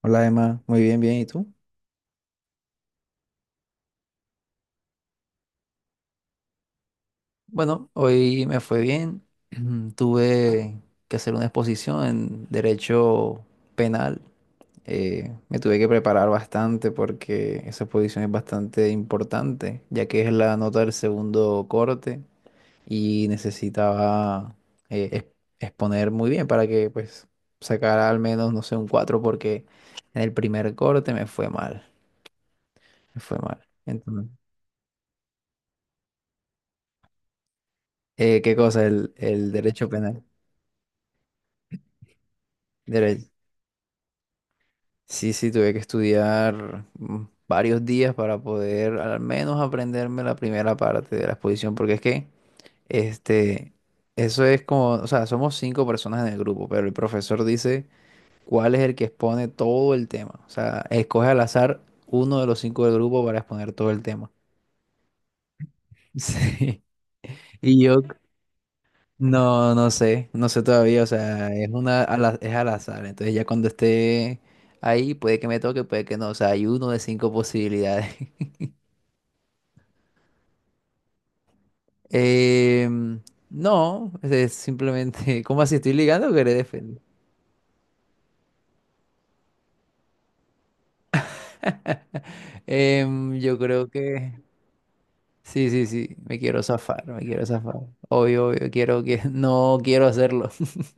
Hola Emma, muy bien, bien. ¿Y tú? Bueno, hoy me fue bien. Tuve que hacer una exposición en derecho penal. Me tuve que preparar bastante porque esa exposición es bastante importante, ya que es la nota del segundo corte y necesitaba eh, ex- exponer muy bien para que pues sacara al menos, no sé, un 4 porque en el primer corte me fue mal, me fue mal. Entonces, ¿qué cosa? El derecho penal. Mira, sí, sí, tuve que estudiar varios días para poder al menos aprenderme la primera parte de la exposición, porque es que, este, eso es como, o sea, somos cinco personas en el grupo, pero el profesor dice cuál es el que expone todo el tema, o sea, escoge al azar uno de los cinco del grupo para exponer todo el tema. Sí, y yo no, no sé, no sé todavía, o sea, es al azar, entonces ya cuando esté ahí puede que me toque, puede que no, o sea, hay uno de cinco posibilidades. Em, no, es simplemente, ¿cómo así estoy ligando que le defiendo? Yo creo que sí, sí, sí, me quiero zafar, me quiero zafar. Obvio, obvio, quiero que no quiero hacerlo,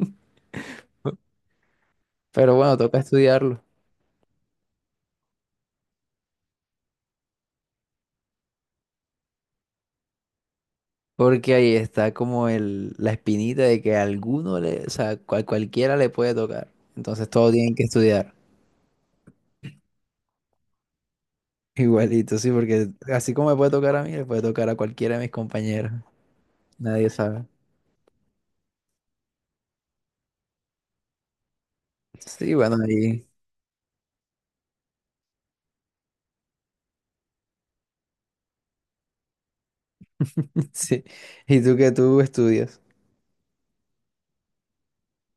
pero bueno, toca estudiarlo. Porque ahí está como el, la espinita de que a alguno le, o sea, cualquiera le puede tocar. Entonces todos tienen que estudiar. Igualito, sí, porque así como me puede tocar a mí, le puede tocar a cualquiera de mis compañeros. Nadie sabe. Sí, bueno, ahí. Sí. ¿Y tú qué tú estudias?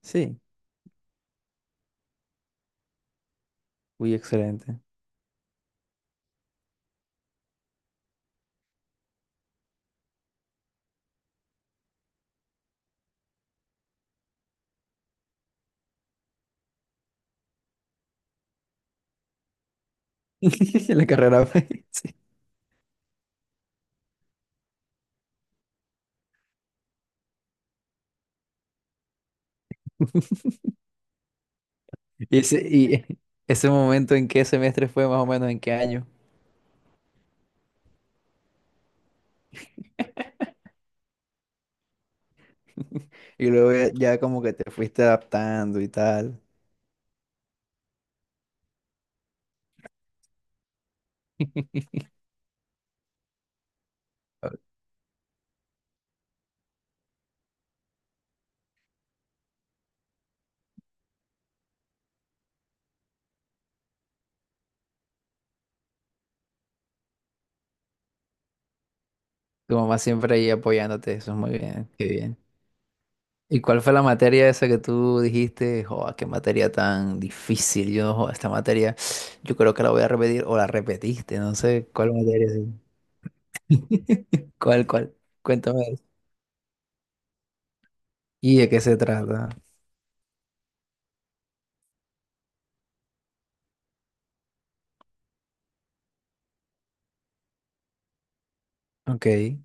Sí. Uy, excelente. La carrera. Sí. Y ese momento en qué semestre fue más o menos, en qué año. Y luego ya, ya como que te fuiste adaptando y tal. Tu mamá siempre ahí apoyándote, eso es muy bien, qué bien. ¿Y cuál fue la materia esa que tú dijiste? ¡Joa! Qué materia tan difícil. Yo, joda, esta materia, yo creo que la voy a repetir o la repetiste, no sé cuál materia es. ¿Cuál, cuál? Cuéntame. ¿Y de qué se trata? Ok.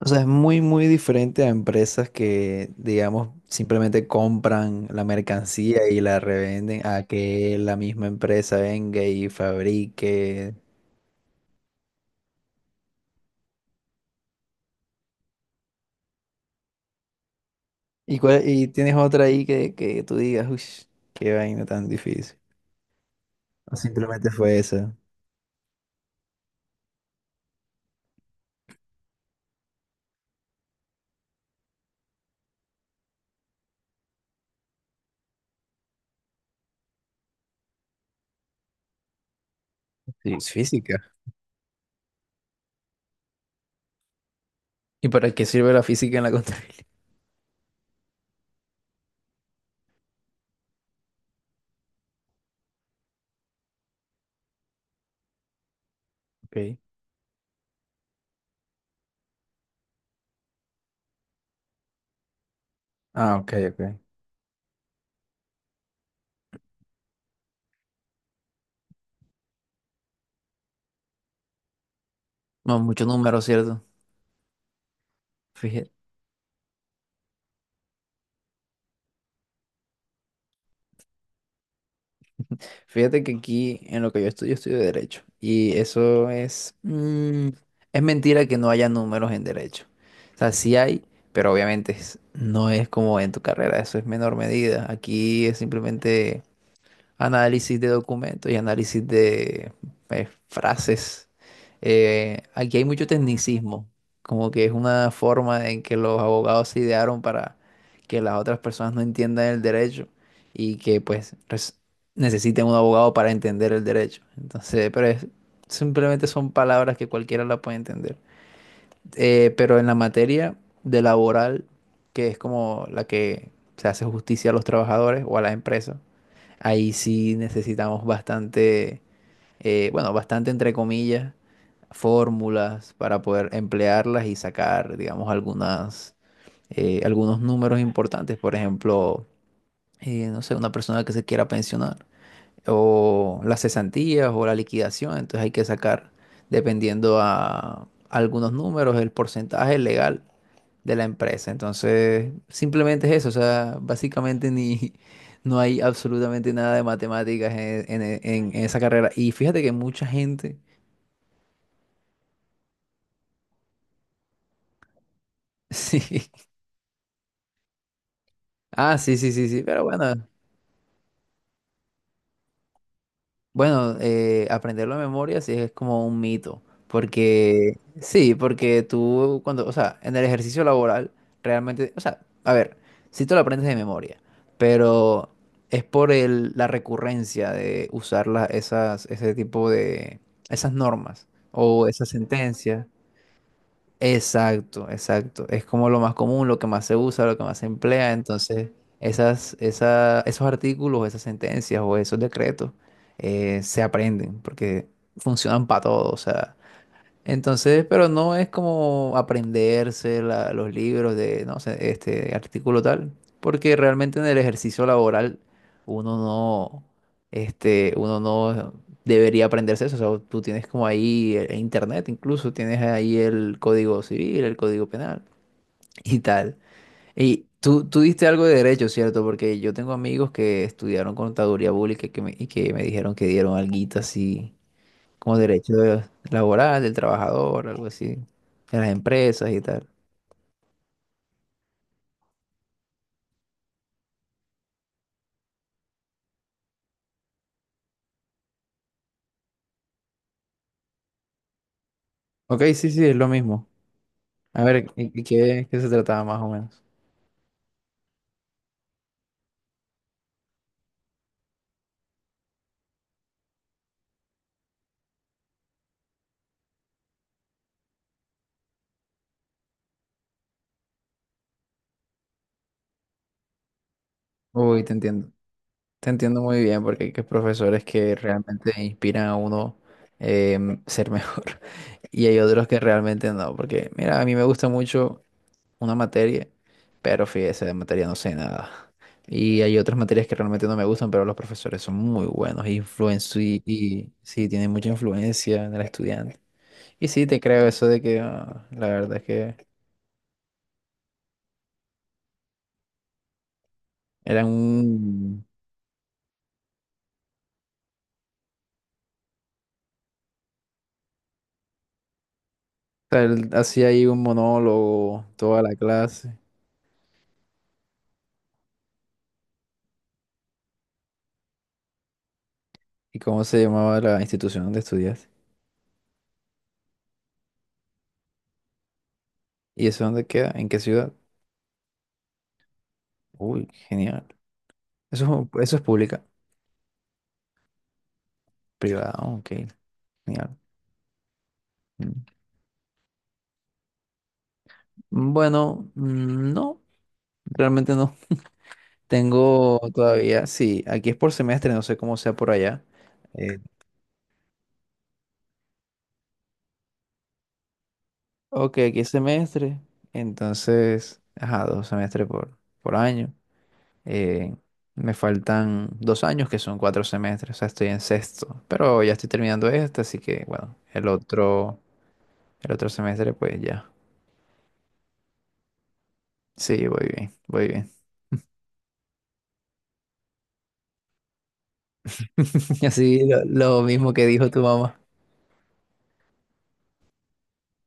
O sea, es muy, muy diferente a empresas que, digamos, simplemente compran la mercancía y la revenden a que la misma empresa venga y fabrique. ¿Y, y tienes otra ahí que, tú digas, uy, qué vaina tan difícil? ¿O simplemente fue esa? Sí, es física. ¿Y para qué sirve la física en la contabilidad? Ok. Ah, ok, ok. No, muchos números, ¿cierto? Fíjate, fíjate que aquí en lo que yo estudio, estudio derecho. Y eso es... mm, es mentira que no haya números en derecho. O sea, sí hay, pero obviamente no es como en tu carrera, eso es menor medida. Aquí es simplemente análisis de documentos y análisis de frases. Aquí hay mucho tecnicismo, como que es una forma en que los abogados se idearon para que las otras personas no entiendan el derecho y que pues necesiten un abogado para entender el derecho. Entonces, simplemente son palabras que cualquiera la puede entender. Pero en la materia de laboral, que es como la que se hace justicia a los trabajadores o a las empresas, ahí sí necesitamos bastante, bueno, bastante entre comillas, fórmulas para poder emplearlas y sacar, digamos, algunas, algunos números importantes. Por ejemplo, no sé, una persona que se quiera pensionar o las cesantías o la liquidación. Entonces hay que sacar, dependiendo a algunos números, el porcentaje legal de la empresa. Entonces, simplemente es eso, o sea, básicamente ni, no hay absolutamente nada de matemáticas en esa carrera. Y fíjate que mucha gente, sí, ah, sí, sí, sí, sí, pero bueno, bueno, aprenderlo de memoria sí es como un mito, porque sí, porque tú cuando, o sea, en el ejercicio laboral realmente, o sea, a ver, sí te lo aprendes de memoria, pero es por el, la recurrencia de usar esas, ese tipo de, esas normas o esas sentencias. Exacto, exacto. Es como lo más común, lo que más se usa, lo que más se emplea. Entonces, esas, esos artículos, esas sentencias o esos decretos se aprenden porque funcionan para todo. O sea, entonces, pero no es como aprenderse los libros de, no sé, este artículo tal, porque realmente en el ejercicio laboral uno no, uno no debería aprenderse eso. O sea, tú tienes como ahí el internet, incluso tienes ahí el código civil, el código penal y tal. Y tú diste algo de derecho, ¿cierto? Porque yo tengo amigos que estudiaron contaduría pública y que me dijeron que dieron alguito así como derechos laborales del trabajador, algo así, de las empresas y tal. Ok, sí, sí, es lo mismo. A ver, ¿y qué se trataba más o menos? Uy, te entiendo. Te entiendo muy bien porque hay que profesores que realmente inspiran a uno ser mejor y hay otros que realmente no, porque mira, a mí me gusta mucho una materia, pero fíjese, de materia no sé nada. Y hay otras materias que realmente no me gustan, pero los profesores son muy buenos, influencio y sí, tienen mucha influencia en el estudiante. Y sí, te creo eso de que ah, la verdad es que era un... o sea, él hacía ahí un monólogo toda la clase. ¿Y cómo se llamaba la institución donde estudias? ¿Y eso dónde queda? ¿En qué ciudad? Uy, genial. Eso, eso es pública. Privada, ok. Genial. Mm. Bueno, no. Realmente no. Tengo todavía, sí, aquí es por semestre, no sé cómo sea por allá. Eh, ok, aquí es semestre, entonces, ajá, 2 semestres por año. Eh, Me faltan 2 años, que son 4 semestres, o sea, estoy en sexto, pero ya estoy terminando este, así que, bueno, el otro semestre, pues ya. Sí, voy bien, voy bien. Así lo mismo que dijo tu mamá.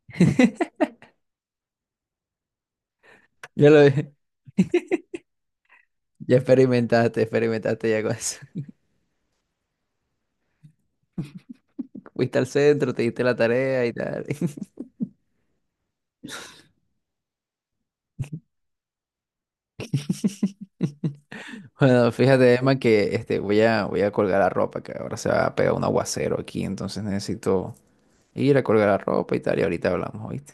Ya lo, ya experimentaste ya con eso. Fuiste al centro, te diste la tarea y tal. Bueno, fíjate, Emma, que este, voy a colgar la ropa, que ahora se va a pegar un aguacero aquí, entonces necesito ir a colgar la ropa y tal, y ahorita hablamos, ¿oíste?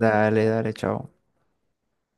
Dale, dale, chao.